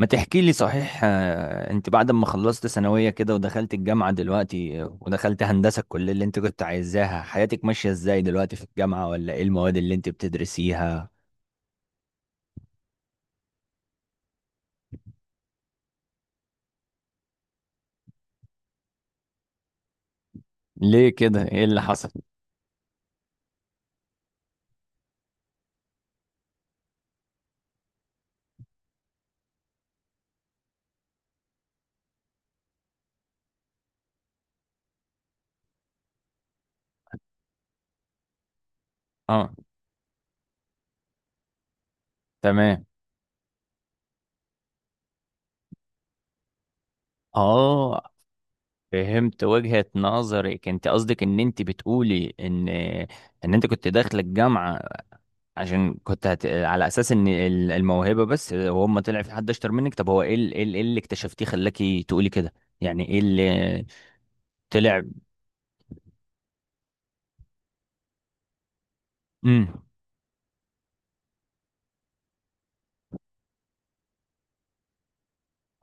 ما تحكي لي صحيح، انت بعد ما خلصت ثانوية كده ودخلت الجامعة دلوقتي، ودخلت هندسة الكلية اللي انت كنت عايزاها، حياتك ماشية ازاي دلوقتي في الجامعة؟ ولا ايه المواد اللي انت بتدرسيها؟ ليه كده؟ ايه اللي حصل؟ اه، تمام. اه، فهمت وجهة نظرك. انت قصدك ان انت بتقولي ان انت كنت داخله الجامعة عشان على اساس ان الموهبه بس، هو اما طلع في حد اشطر منك. طب هو ايه إيه اللي اكتشفتيه خلاكي تقولي كده؟ يعني ايه اللي طلع؟ امم،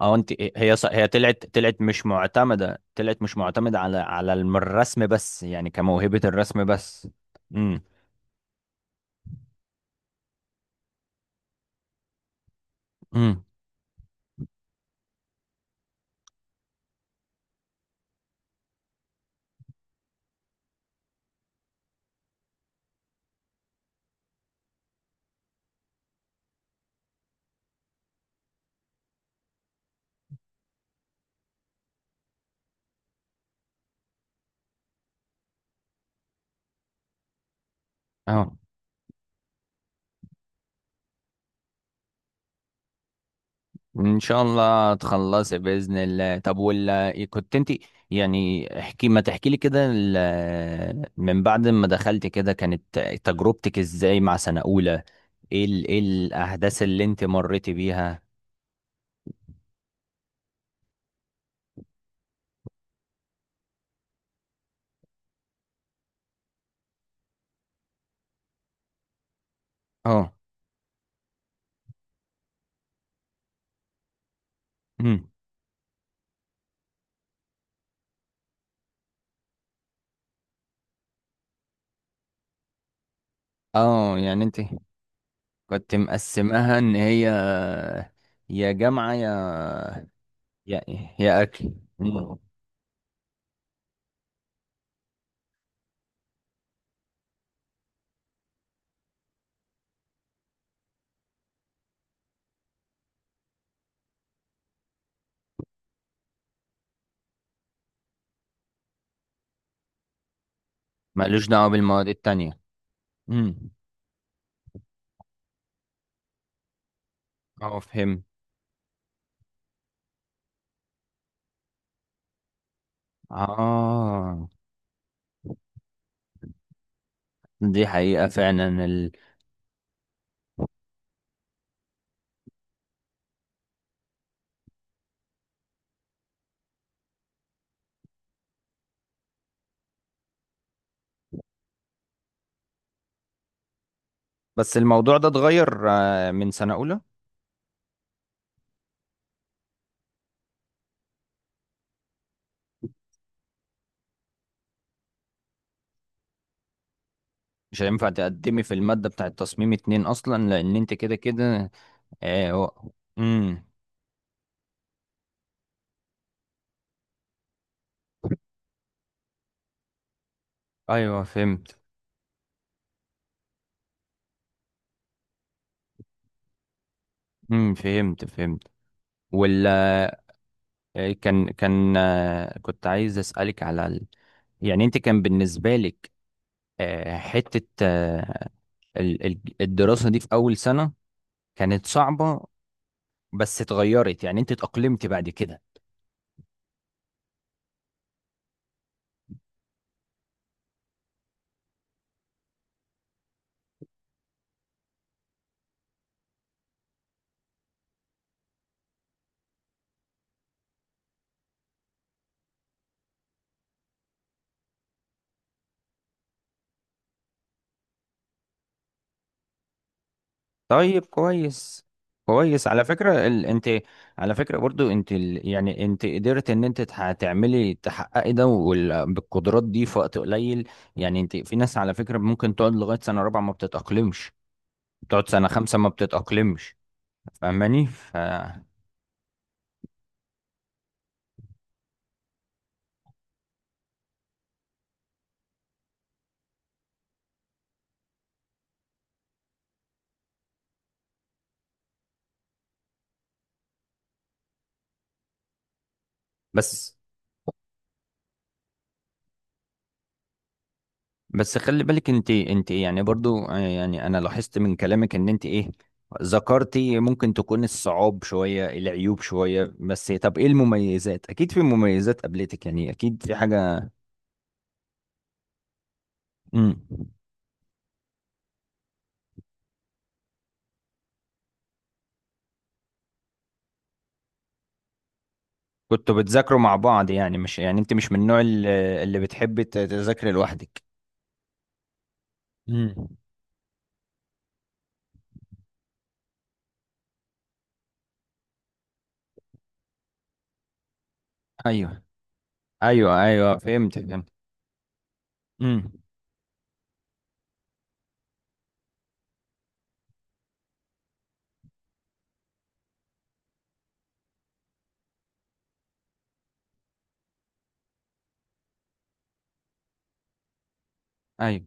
اه، انت هي طلعت مش معتمده، على الرسم بس، يعني كموهبه الرسم بس. امم امم ان شاء الله تخلصي باذن الله. طب، ولا كنت انت، يعني احكي، ما تحكي لي كده، من بعد ما دخلت كده كانت تجربتك ازاي مع سنه اولى؟ ايه الاحداث اللي انت مريتي بيها؟ اه، امم، اه، يعني انت كنت مقسمها ان هي يا جامعه يا يا اكل. مم. مالوش دعوه بالمواد التانية. امم، اه، فهمت. اه، دي حقيقة فعلا. بس الموضوع ده اتغير من سنة أولى. مش هينفع تقدمي في المادة بتاعة تصميم اتنين أصلا لأن أنت كده كده. آه، و- امم، أيوه، فهمت. امم، فهمت فهمت. ولا، آه، كان كان آه، كنت عايز أسألك على يعني أنت كان بالنسبة لك، حتة، الدراسة دي في أول سنة كانت صعبة. بس اتغيرت، يعني أنت اتأقلمت بعد كده. طيب، كويس. كويس. على فكرة انت، على فكرة برضو انت يعني انت قدرت ان انت تعملي، تحققي ده بالقدرات دي في وقت قليل. يعني انت في ناس على فكرة ممكن تقعد لغاية سنة رابعة ما بتتأقلمش، تقعد سنة خمسة ما بتتأقلمش. فاهماني؟ بس بس خلي بالك انت إيه، يعني برضو، يعني انا لاحظت من كلامك ان انت ايه ذكرتي. ممكن تكون الصعاب شوية، العيوب شوية، بس طب ايه المميزات؟ اكيد في مميزات قابلتك، يعني اكيد في حاجة. امم. كنتوا بتذاكروا مع بعض؟ يعني مش، يعني انت مش من النوع اللي بتحب تذاكري لوحدك؟ امم، ايوه ايوه ايوه، فهمت فهمت. امم، ايوه.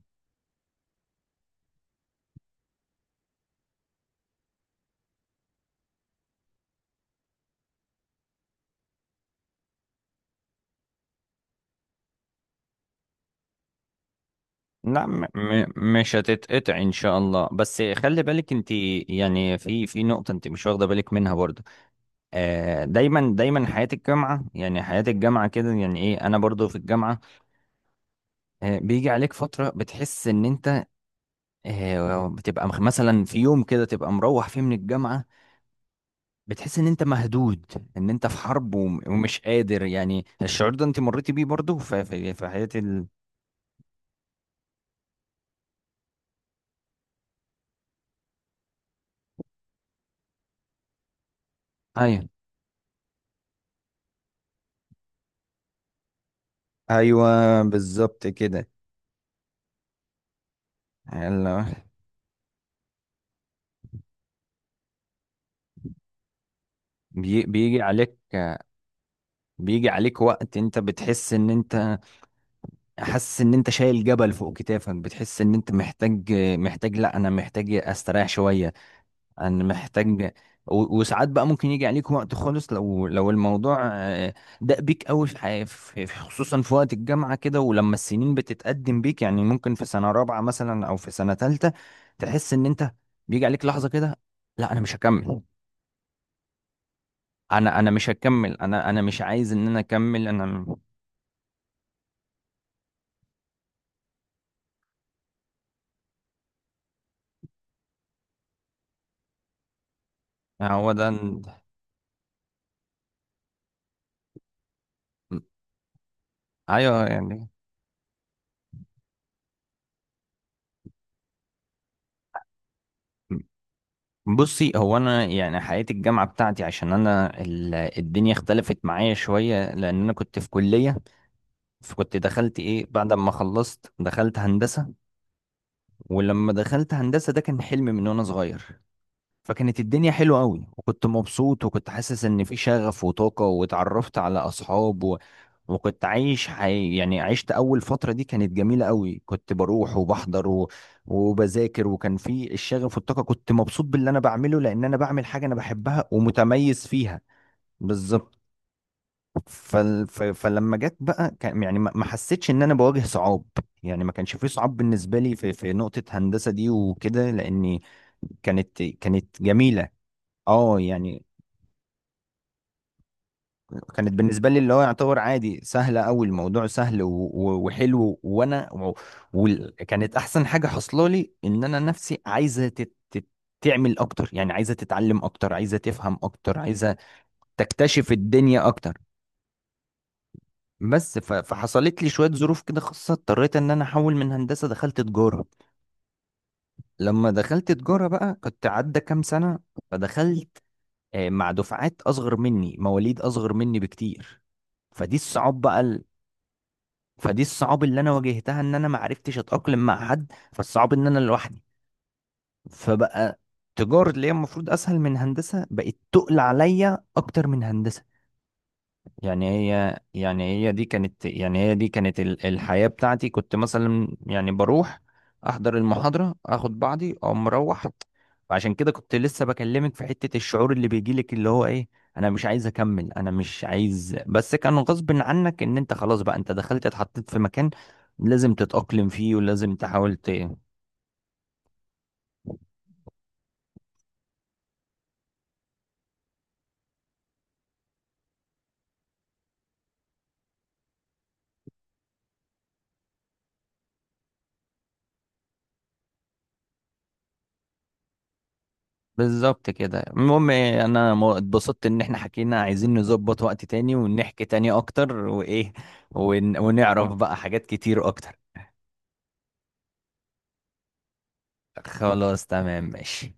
لا، م م مش هتتقطع ان شاء الله. بس خلي بالك انت، يعني في نقطة انت مش واخدة بالك منها برضو. دايما دايما حياة الجامعة، يعني حياة الجامعة كده، يعني ايه انا برضو في الجامعة. بيجي عليك فترة بتحس ان انت، بتبقى مثلا في يوم كده تبقى مروح فيه من الجامعة بتحس ان انت مهدود، ان انت في حرب ومش قادر. يعني الشعور ده انت مريتي بيه برضو في حياة ايوه، ايوه، بالظبط كده. ال- بي- بيجي عليك بيجي عليك وقت انت بتحس ان انت، حاسس ان انت شايل جبل فوق كتافك، بتحس ان انت محتاج، لا، انا محتاج استريح شوية. انا محتاج وساعات بقى ممكن يجي عليك وقت خالص، لو الموضوع، داق بيك قوي في خصوصا في وقت الجامعة كده، ولما السنين بتتقدم بيك، يعني ممكن في سنة رابعة مثلا او في سنة تالتة تحس ان انت بيجي عليك لحظة كده، لا انا مش هكمل، انا مش هكمل، انا مش عايز ان انا اكمل انا. هو ده. ايوه، يعني، بصي، هو انا يعني حياة الجامعة بتاعتي، عشان انا الدنيا اختلفت معايا شوية لان انا كنت في كلية، فكنت دخلت ايه، بعد ما خلصت دخلت هندسة. ولما دخلت هندسة، ده كان حلم من وانا صغير، فكانت الدنيا حلوة قوي وكنت مبسوط وكنت حاسس ان في شغف وطاقة واتعرفت على اصحاب وكنت عايش يعني عشت اول فترة دي كانت جميلة قوي، كنت بروح وبحضر وبذاكر، وكان في الشغف والطاقة، كنت مبسوط باللي انا بعمله لان انا بعمل حاجة انا بحبها ومتميز فيها. بالظبط. فلما جت بقى كان، يعني ما حسيتش ان انا بواجه صعاب. يعني ما كانش في صعاب بالنسبة لي في نقطة هندسة دي وكده، لاني كانت جميلة. اه يعني، كانت بالنسبه لي، اللي هو يعتبر عادي، سهله قوي الموضوع، سهل وحلو، وكانت احسن حاجه حصلالي لي، ان انا نفسي عايزه تعمل اكتر، يعني عايزه تتعلم اكتر، عايزه تفهم اكتر، عايزه تكتشف الدنيا اكتر. بس فحصلت لي شويه ظروف كده خاصه، اضطريت ان انا احول من هندسه، دخلت تجاره. لما دخلت تجاره بقى كنت عدى كام سنه، فدخلت، مع دفعات اصغر مني، مواليد اصغر مني بكتير. فدي الصعاب بقى، فدي الصعوبة اللي انا واجهتها، ان انا ما عرفتش اتأقلم مع حد، فالصعب ان انا لوحدي. فبقى تجارة اللي هي المفروض اسهل من هندسة بقت تقل عليا اكتر من هندسة. يعني هي دي كانت الحياة بتاعتي، كنت مثلا يعني بروح احضر المحاضرة، اخد بعضي او مروح. فعشان كده كنت لسه بكلمك في حتة الشعور اللي بيجيلك اللي هو ايه، انا مش عايز اكمل، انا مش عايز. بس كان غصب عنك ان انت خلاص بقى انت دخلت اتحطيت في مكان لازم تتأقلم فيه ولازم تحاول بالظبط كده. المهم إيه، انا اتبسطت ان احنا حكينا، عايزين نظبط وقت تاني ونحكي تاني اكتر، وايه ونعرف بقى حاجات كتير اكتر. خلاص، تمام، ماشي.